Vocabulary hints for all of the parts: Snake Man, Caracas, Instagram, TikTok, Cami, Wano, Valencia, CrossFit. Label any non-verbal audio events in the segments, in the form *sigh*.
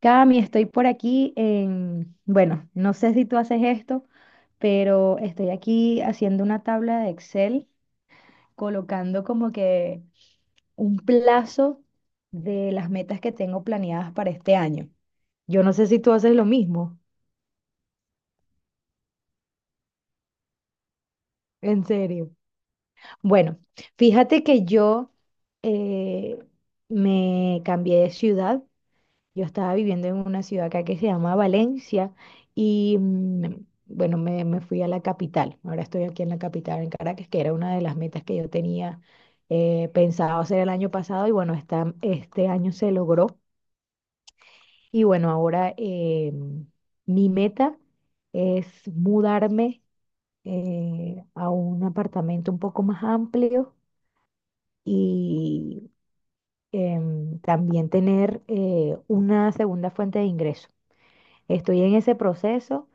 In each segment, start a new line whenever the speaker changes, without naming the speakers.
Cami, estoy por aquí en, bueno, no sé si tú haces esto, pero estoy aquí haciendo una tabla de Excel, colocando como que un plazo de las metas que tengo planeadas para este año. Yo no sé si tú haces lo mismo, en serio. Bueno, fíjate que yo eh, me cambié de ciudad. Yo estaba viviendo en una ciudad acá que se llama Valencia y bueno, me fui a la capital. Ahora estoy aquí en la capital, en Caracas, que era una de las metas que yo tenía pensado hacer el año pasado y bueno, este año se logró. Y bueno, ahora mi meta es mudarme a un apartamento un poco más amplio y también tener una segunda fuente de ingreso. Estoy en ese proceso.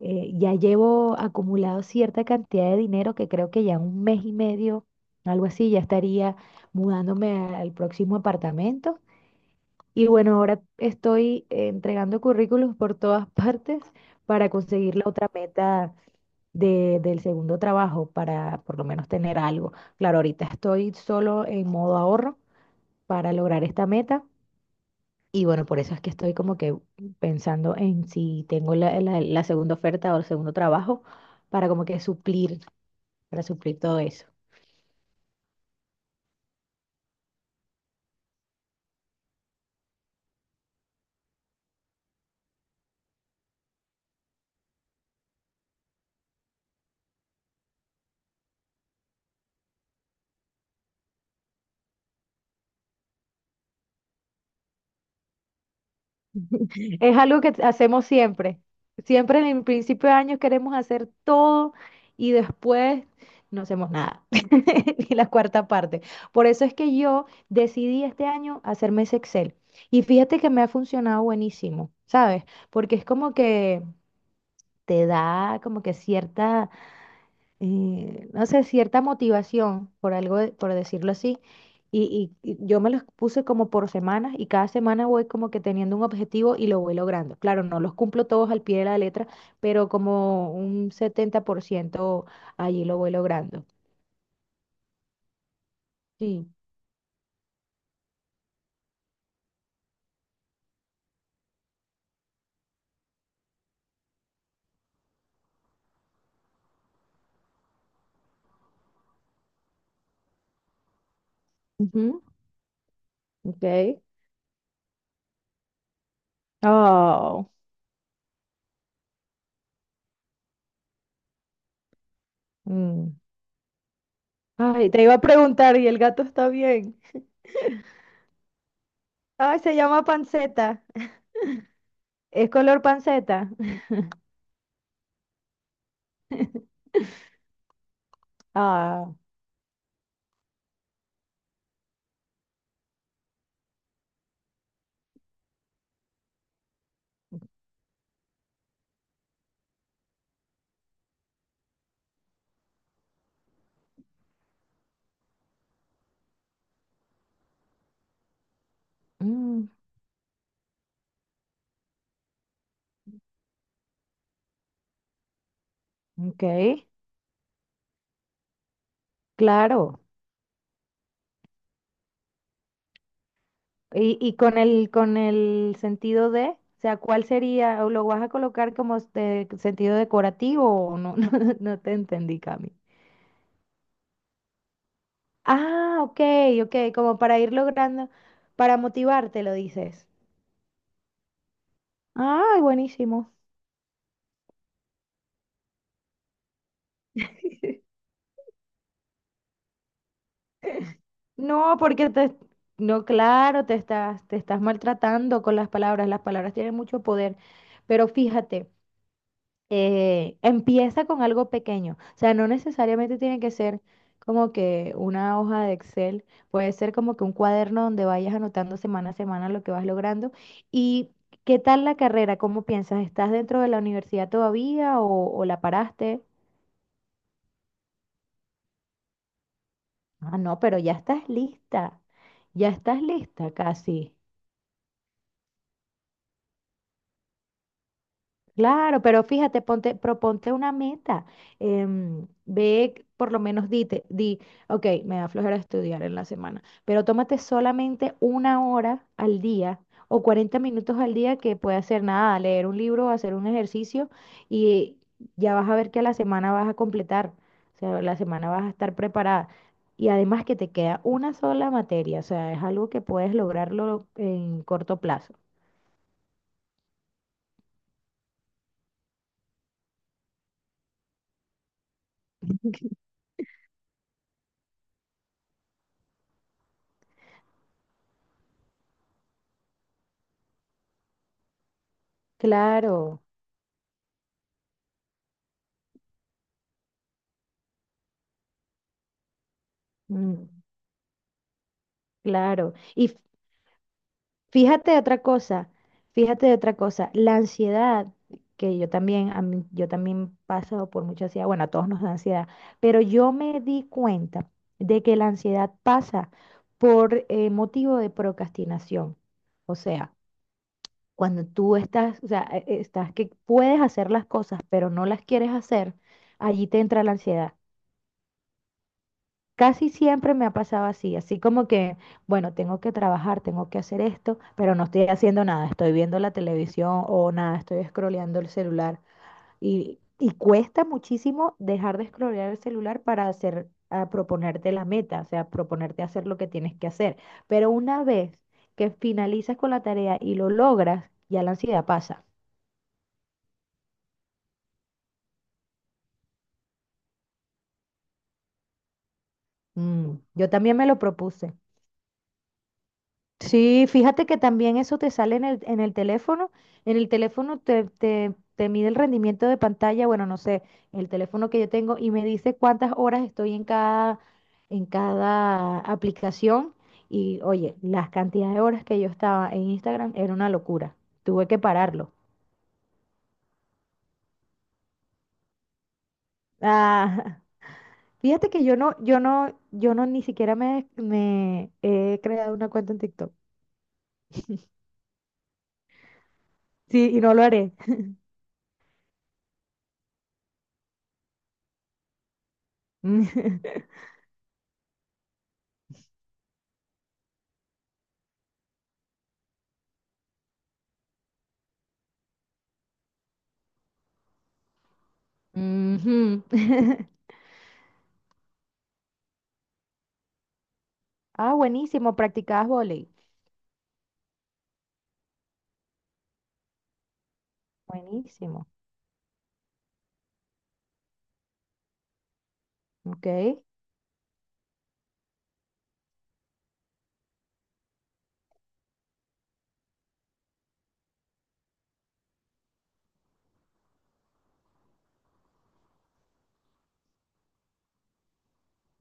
Ya llevo acumulado cierta cantidad de dinero que creo que ya un mes y medio, algo así, ya estaría mudándome al próximo apartamento. Y bueno, ahora estoy entregando currículos por todas *laughs* partes para conseguir la otra meta del segundo trabajo, para por lo menos tener algo. Claro, ahorita estoy solo en modo ahorro para lograr esta meta y bueno, por eso es que estoy como que pensando en si tengo la segunda oferta o el segundo trabajo para como que suplir, para suplir todo eso. Es algo que hacemos siempre. Siempre en el principio de año queremos hacer todo y después no hacemos nada, *laughs* ni la cuarta parte. Por eso es que yo decidí este año hacerme ese Excel. Y fíjate que me ha funcionado buenísimo, ¿sabes? Porque es como que te da como que cierta no sé, cierta motivación, por algo, por decirlo así. Y yo me los puse como por semanas y cada semana voy como que teniendo un objetivo y lo voy logrando. Claro, no los cumplo todos al pie de la letra, pero como un 70% allí lo voy logrando. Sí. Ujú. Ok. Oh. Mm. Ay, te iba a preguntar, ¿y el gato está bien? Ay, se llama panceta. ¿Es color panceta? *laughs* Ah, mm, ok, claro. Y con el sentido de, o sea, ¿cuál sería? ¿O lo vas a colocar como este sentido decorativo o no? *laughs* No, no te entendí, Cami. Ah, ok, ok, como para ir logrando, para motivarte, lo dices. Ay, buenísimo. *laughs* No, no, claro, te estás maltratando con las palabras. Las palabras tienen mucho poder. Pero fíjate. Empieza con algo pequeño. O sea, no necesariamente tiene que ser como que una hoja de Excel, puede ser como que un cuaderno donde vayas anotando semana a semana lo que vas logrando. ¿Y qué tal la carrera? ¿Cómo piensas? ¿Estás dentro de la universidad todavía o la paraste? Ah, no, pero ya estás lista. Ya estás lista casi. Claro, pero fíjate, ponte, proponte una meta. Ve, por lo menos dite, di, ok, me da flojera estudiar en la semana, pero tómate solamente una hora al día o 40 minutos al día que puede hacer nada, leer un libro, hacer un ejercicio y ya vas a ver que a la semana vas a completar, o sea, la semana vas a estar preparada. Y además que te queda una sola materia, o sea, es algo que puedes lograrlo en corto plazo. Claro. Mm. Claro. Y fíjate de otra cosa, fíjate de otra cosa, la ansiedad, que yo también, yo también paso por mucha ansiedad, bueno, a todos nos da ansiedad, pero yo me di cuenta de que la ansiedad pasa por motivo de procrastinación. O sea, cuando tú estás, o sea, estás que puedes hacer las cosas, pero no las quieres hacer, allí te entra la ansiedad. Casi siempre me ha pasado así, así como que, bueno, tengo que trabajar, tengo que hacer esto, pero no estoy haciendo nada, estoy viendo la televisión o nada, estoy scrolleando el celular. Y cuesta muchísimo dejar de scrollear el celular para hacer, a proponerte la meta, o sea, proponerte hacer lo que tienes que hacer. Pero una vez que finalizas con la tarea y lo logras, ya la ansiedad pasa. Mm, yo también me lo propuse. Sí, fíjate que también eso te sale en el teléfono. En el teléfono te mide el rendimiento de pantalla, bueno, no sé, el teléfono que yo tengo y me dice cuántas horas estoy en cada aplicación. Y oye, las cantidades de horas que yo estaba en Instagram era una locura. Tuve que pararlo. Ah, *laughs* fíjate que yo no ni siquiera me he creado una cuenta en TikTok. Sí, y no lo haré. *laughs* Ujú. *laughs* Ah, buenísimo, practicabas vóley. Buenísimo. Ok.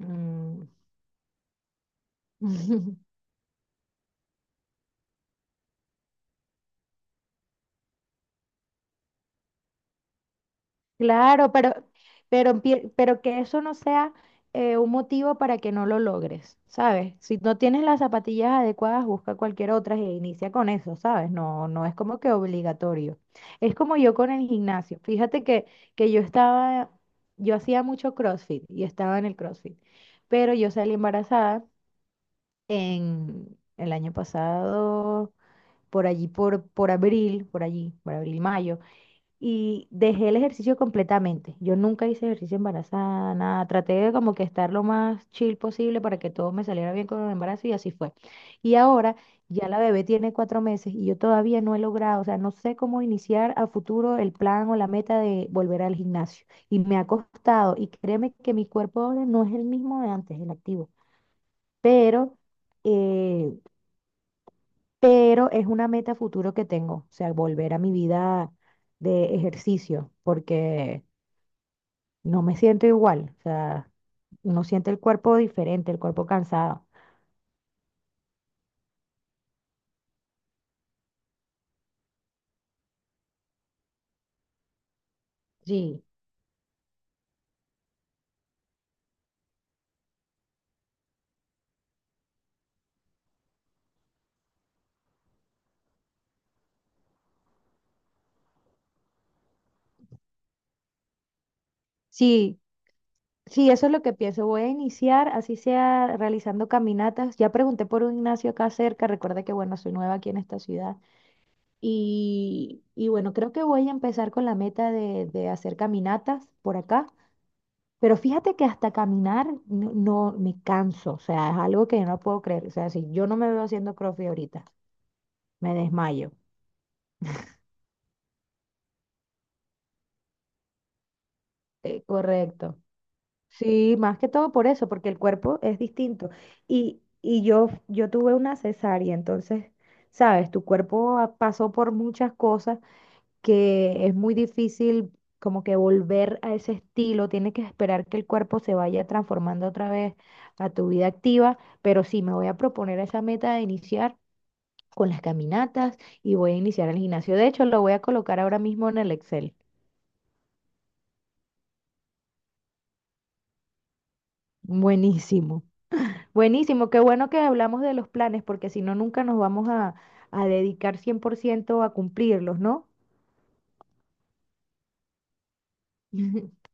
Mm. *laughs* Claro, pero que eso no sea un motivo para que no lo logres, ¿sabes? Si no tienes las zapatillas adecuadas, busca cualquier otra e inicia con eso, ¿sabes? No, no es como que obligatorio. Es como yo con el gimnasio. Fíjate que yo estaba, yo hacía mucho CrossFit y estaba en el CrossFit, pero yo salí embarazada en el año pasado por allí, por abril, por allí, por abril, mayo, y dejé el ejercicio completamente. Yo nunca hice ejercicio embarazada, nada. Traté de como que estar lo más chill posible para que todo me saliera bien con el embarazo y así fue. Y ahora ya la bebé tiene 4 meses y yo todavía no he logrado, o sea, no sé cómo iniciar a futuro el plan o la meta de volver al gimnasio. Y me ha costado, y créeme que mi cuerpo ahora no es el mismo de antes, el activo, pero... eh, pero es una meta futuro que tengo, o sea, volver a mi vida de ejercicio, porque no me siento igual, o sea, uno siente el cuerpo diferente, el cuerpo cansado. Sí, sí, sí, eso es lo que pienso. Voy a iniciar, así sea, realizando caminatas. Ya pregunté por un gimnasio acá cerca, recuerda que, bueno, soy nueva aquí en esta ciudad. Y bueno, creo que voy a empezar con la meta de hacer caminatas por acá. Pero fíjate que hasta caminar me canso, o sea, es algo que yo no puedo creer. O sea, si yo no me veo haciendo CrossFit ahorita, me desmayo. Correcto. Sí, más que todo por eso, porque el cuerpo es distinto. Yo tuve una cesárea, entonces, sabes, tu cuerpo pasó por muchas cosas que es muy difícil como que volver a ese estilo, tienes que esperar que el cuerpo se vaya transformando otra vez a tu vida activa, pero sí, me voy a proponer esa meta de iniciar. Con las caminatas y voy a iniciar el gimnasio. De hecho, lo voy a colocar ahora mismo en el Excel. Buenísimo, buenísimo. Qué bueno que hablamos de los planes, porque si no, nunca nos vamos a dedicar 100% a cumplirlos, ¿no? *laughs*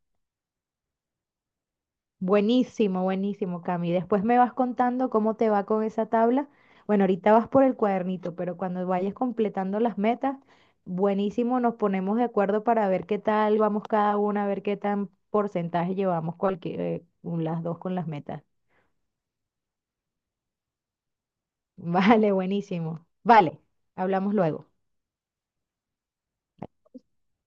Buenísimo, buenísimo, Cami. Después me vas contando cómo te va con esa tabla. Bueno, ahorita vas por el cuadernito, pero cuando vayas completando las metas, buenísimo, nos ponemos de acuerdo para ver qué tal vamos cada una, a ver qué tan porcentaje llevamos cualquier, las dos con las metas. *laughs* Vale, buenísimo. Vale, hablamos luego.